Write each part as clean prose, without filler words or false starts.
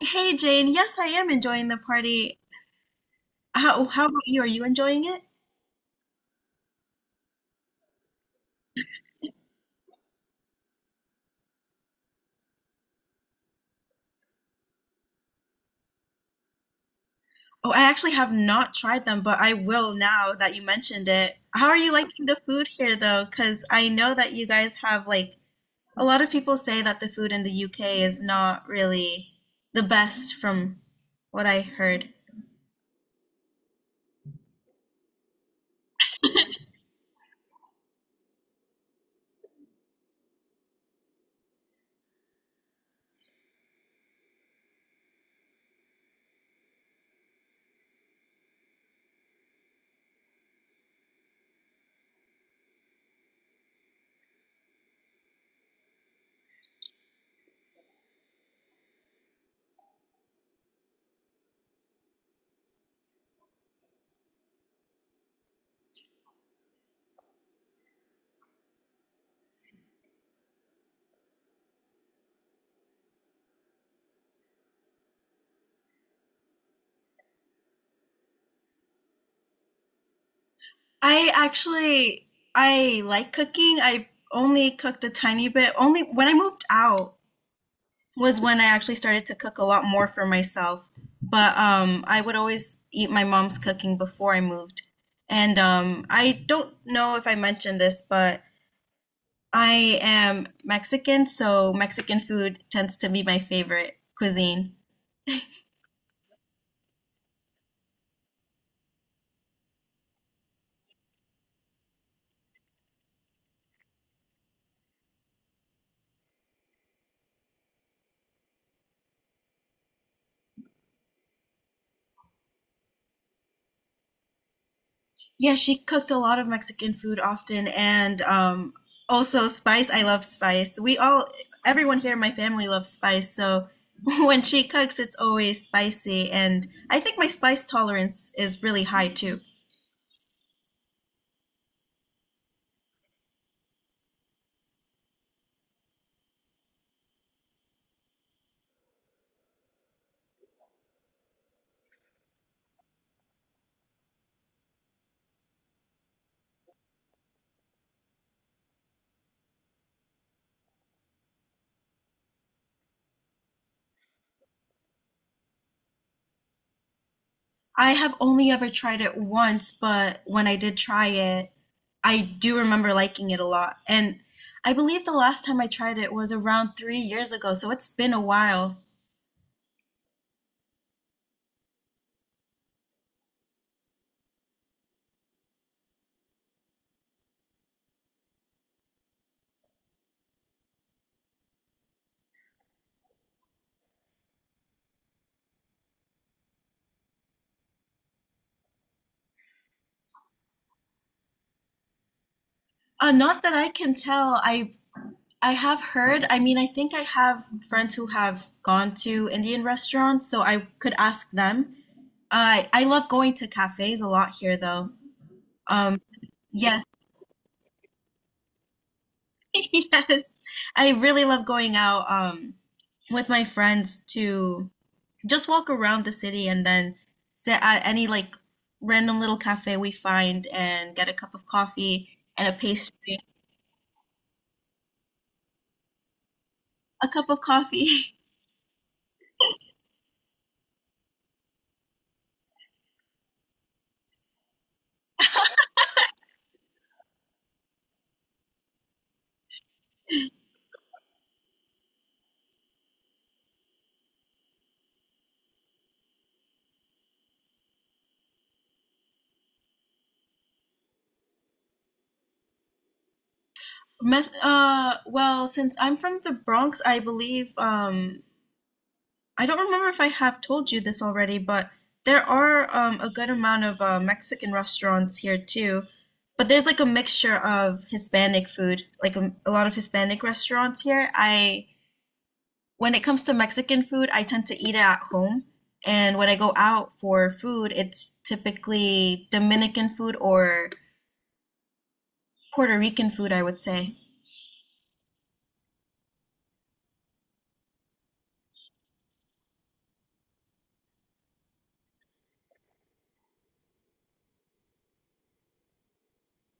Hey Jane, yes, I am enjoying the party. How about you? Are you enjoying it? Oh, I actually have not tried them, but I will now that you mentioned it. How are you liking the food here though? Because I know that you guys have like a lot of people say that the food in the UK is not really the best from what I heard. I actually I like cooking. I've only cooked a tiny bit. Only when I moved out was when I actually started to cook a lot more for myself. But I would always eat my mom's cooking before I moved. And I don't know if I mentioned this, but I am Mexican, so Mexican food tends to be my favorite cuisine. Yeah, she cooked a lot of Mexican food often, and also spice. I love spice. Everyone here in my family loves spice. So when she cooks, it's always spicy. And I think my spice tolerance is really high too. I have only ever tried it once, but when I did try it, I do remember liking it a lot. And I believe the last time I tried it was around 3 years ago, so it's been a while. Not that I can tell. I have heard, I mean, I think I have friends who have gone to Indian restaurants, so I could ask them. I love going to cafes a lot here though. Um, yes. Yes. I really love going out with my friends to just walk around the city and then sit at any like random little cafe we find and get a cup of coffee and a pastry, a cup of coffee. Mess well, since I'm from the Bronx, I believe I don't remember if I have told you this already, but there are a good amount of Mexican restaurants here too. But there's like a mixture of Hispanic food, like a lot of Hispanic restaurants here. I When it comes to Mexican food, I tend to eat it at home, and when I go out for food, it's typically Dominican food or Puerto Rican food, I would say.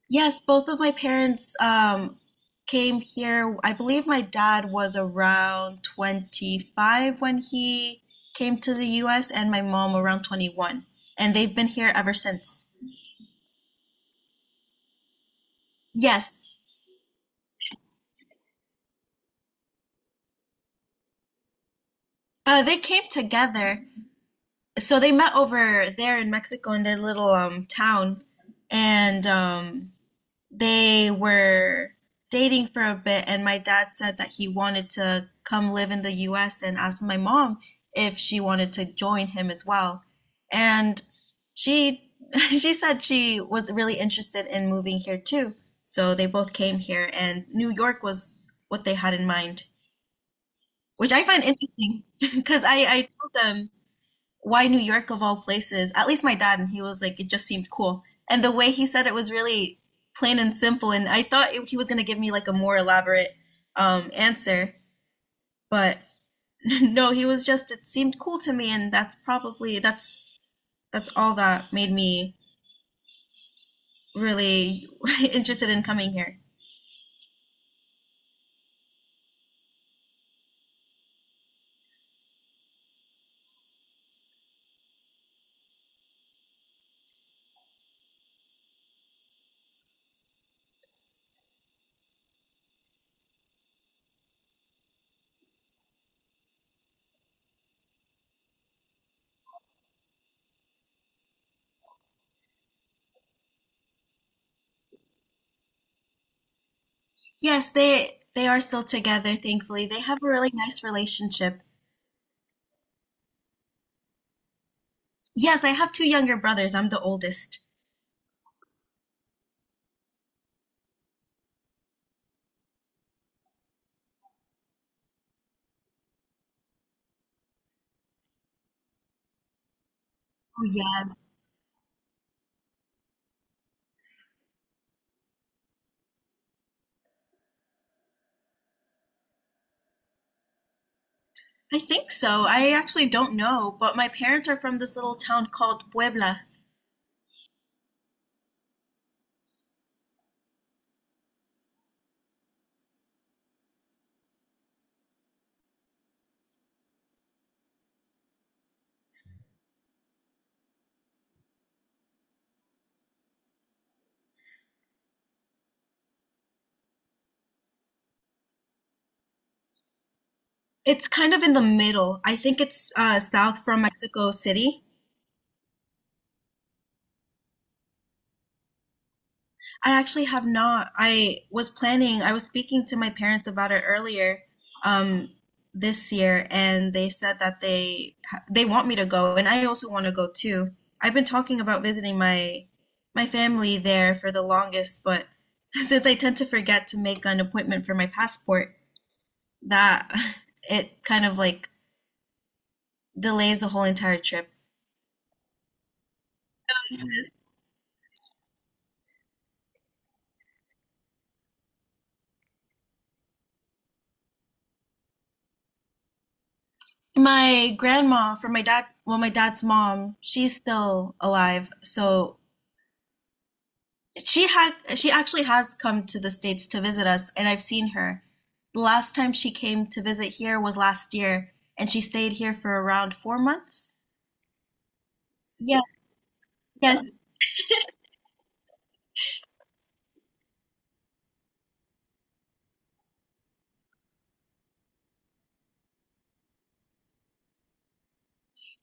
Yes, both of my parents came here. I believe my dad was around 25 when he came to the US, and my mom around 21. And they've been here ever since. Yes, they came together. So they met over there in Mexico in their little town. And they were dating for a bit, and my dad said that he wanted to come live in the US and asked my mom if she wanted to join him as well. And she she said she was really interested in moving here too. So they both came here, and New York was what they had in mind, which I find interesting because I told them why New York of all places? At least my dad, and he was like, it just seemed cool. And the way he said it was really plain and simple. And he was going to give me like a more elaborate answer, but no, he was just, it seemed cool to me. And that's all that made me really interested in coming here. Yes, they are still together, thankfully. They have a really nice relationship. Yes, I have two younger brothers. I'm the oldest. Oh, I think so. I actually don't know, but my parents are from this little town called Puebla. It's kind of in the middle. I think it's south from Mexico City. I actually have not. I was speaking to my parents about it earlier um, this year, and they said that they want me to go, and I also want to go too. I've been talking about visiting my family there for the longest, but since I tend to forget to make an appointment for my passport, that it kind of like delays the whole entire trip. My grandma from my dad, well, my dad's mom, she's still alive, so she actually has come to the States to visit us, and I've seen her. The last time she came to visit here was last year, and she stayed here for around 4 months. Yeah, yes,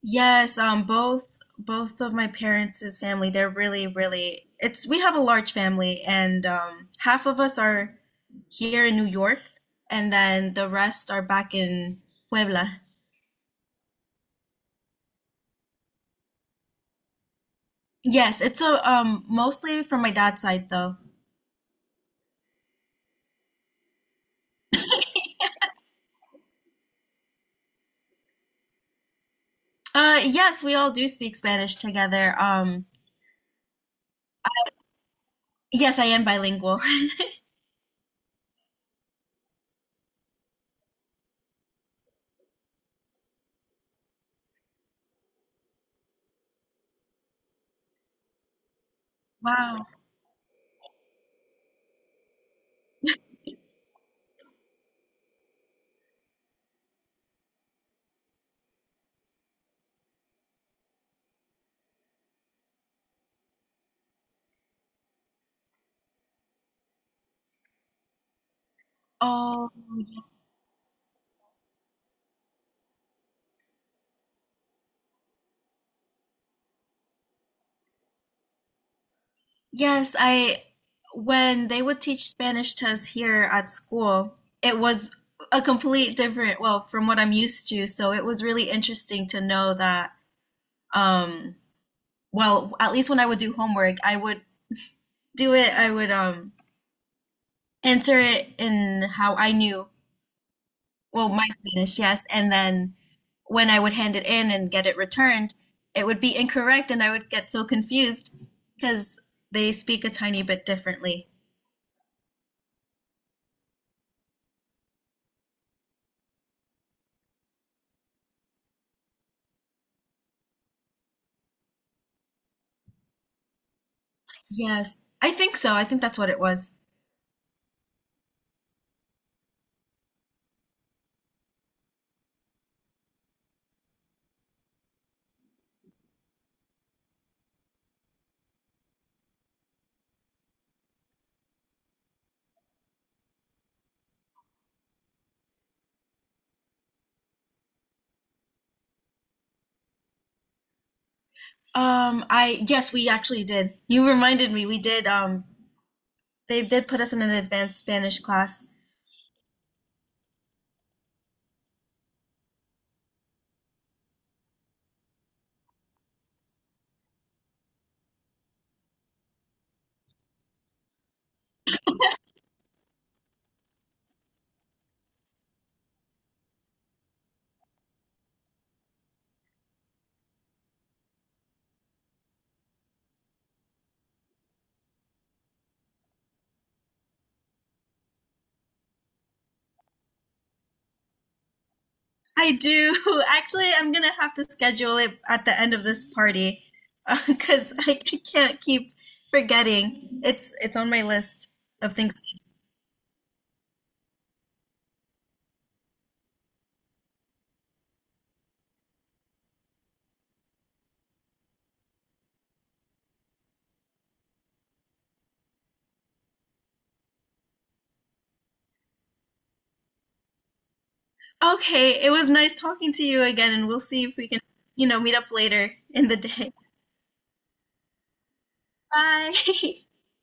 Yes, both of my parents' family, they're really, really it's we have a large family and half of us are here in New York and then the rest are back in Puebla. Yes, it's a mostly from my dad's side though. Yes, we all do speak Spanish together. Yes, I am bilingual. Wow. Oh, yeah. Yes, I when they would teach Spanish to us here at school, it was a complete different, well, from what I'm used to. So it was really interesting to know that um well, at least when I would do homework, I would answer it in how I knew, well, my Spanish, yes, and then when I would hand it in and get it returned, it would be incorrect and I would get so confused because they speak a tiny bit differently. Yes, I think so. I think that's what it was. I Yes, we actually did. You reminded me. We did. They did put us in an advanced Spanish class. I do. Actually, I'm gonna have to schedule it at the end of this party because I can't keep forgetting. It's on my list of things. Okay, it was nice talking to you again, and we'll see if we can, you know, meet up later in the day. Bye.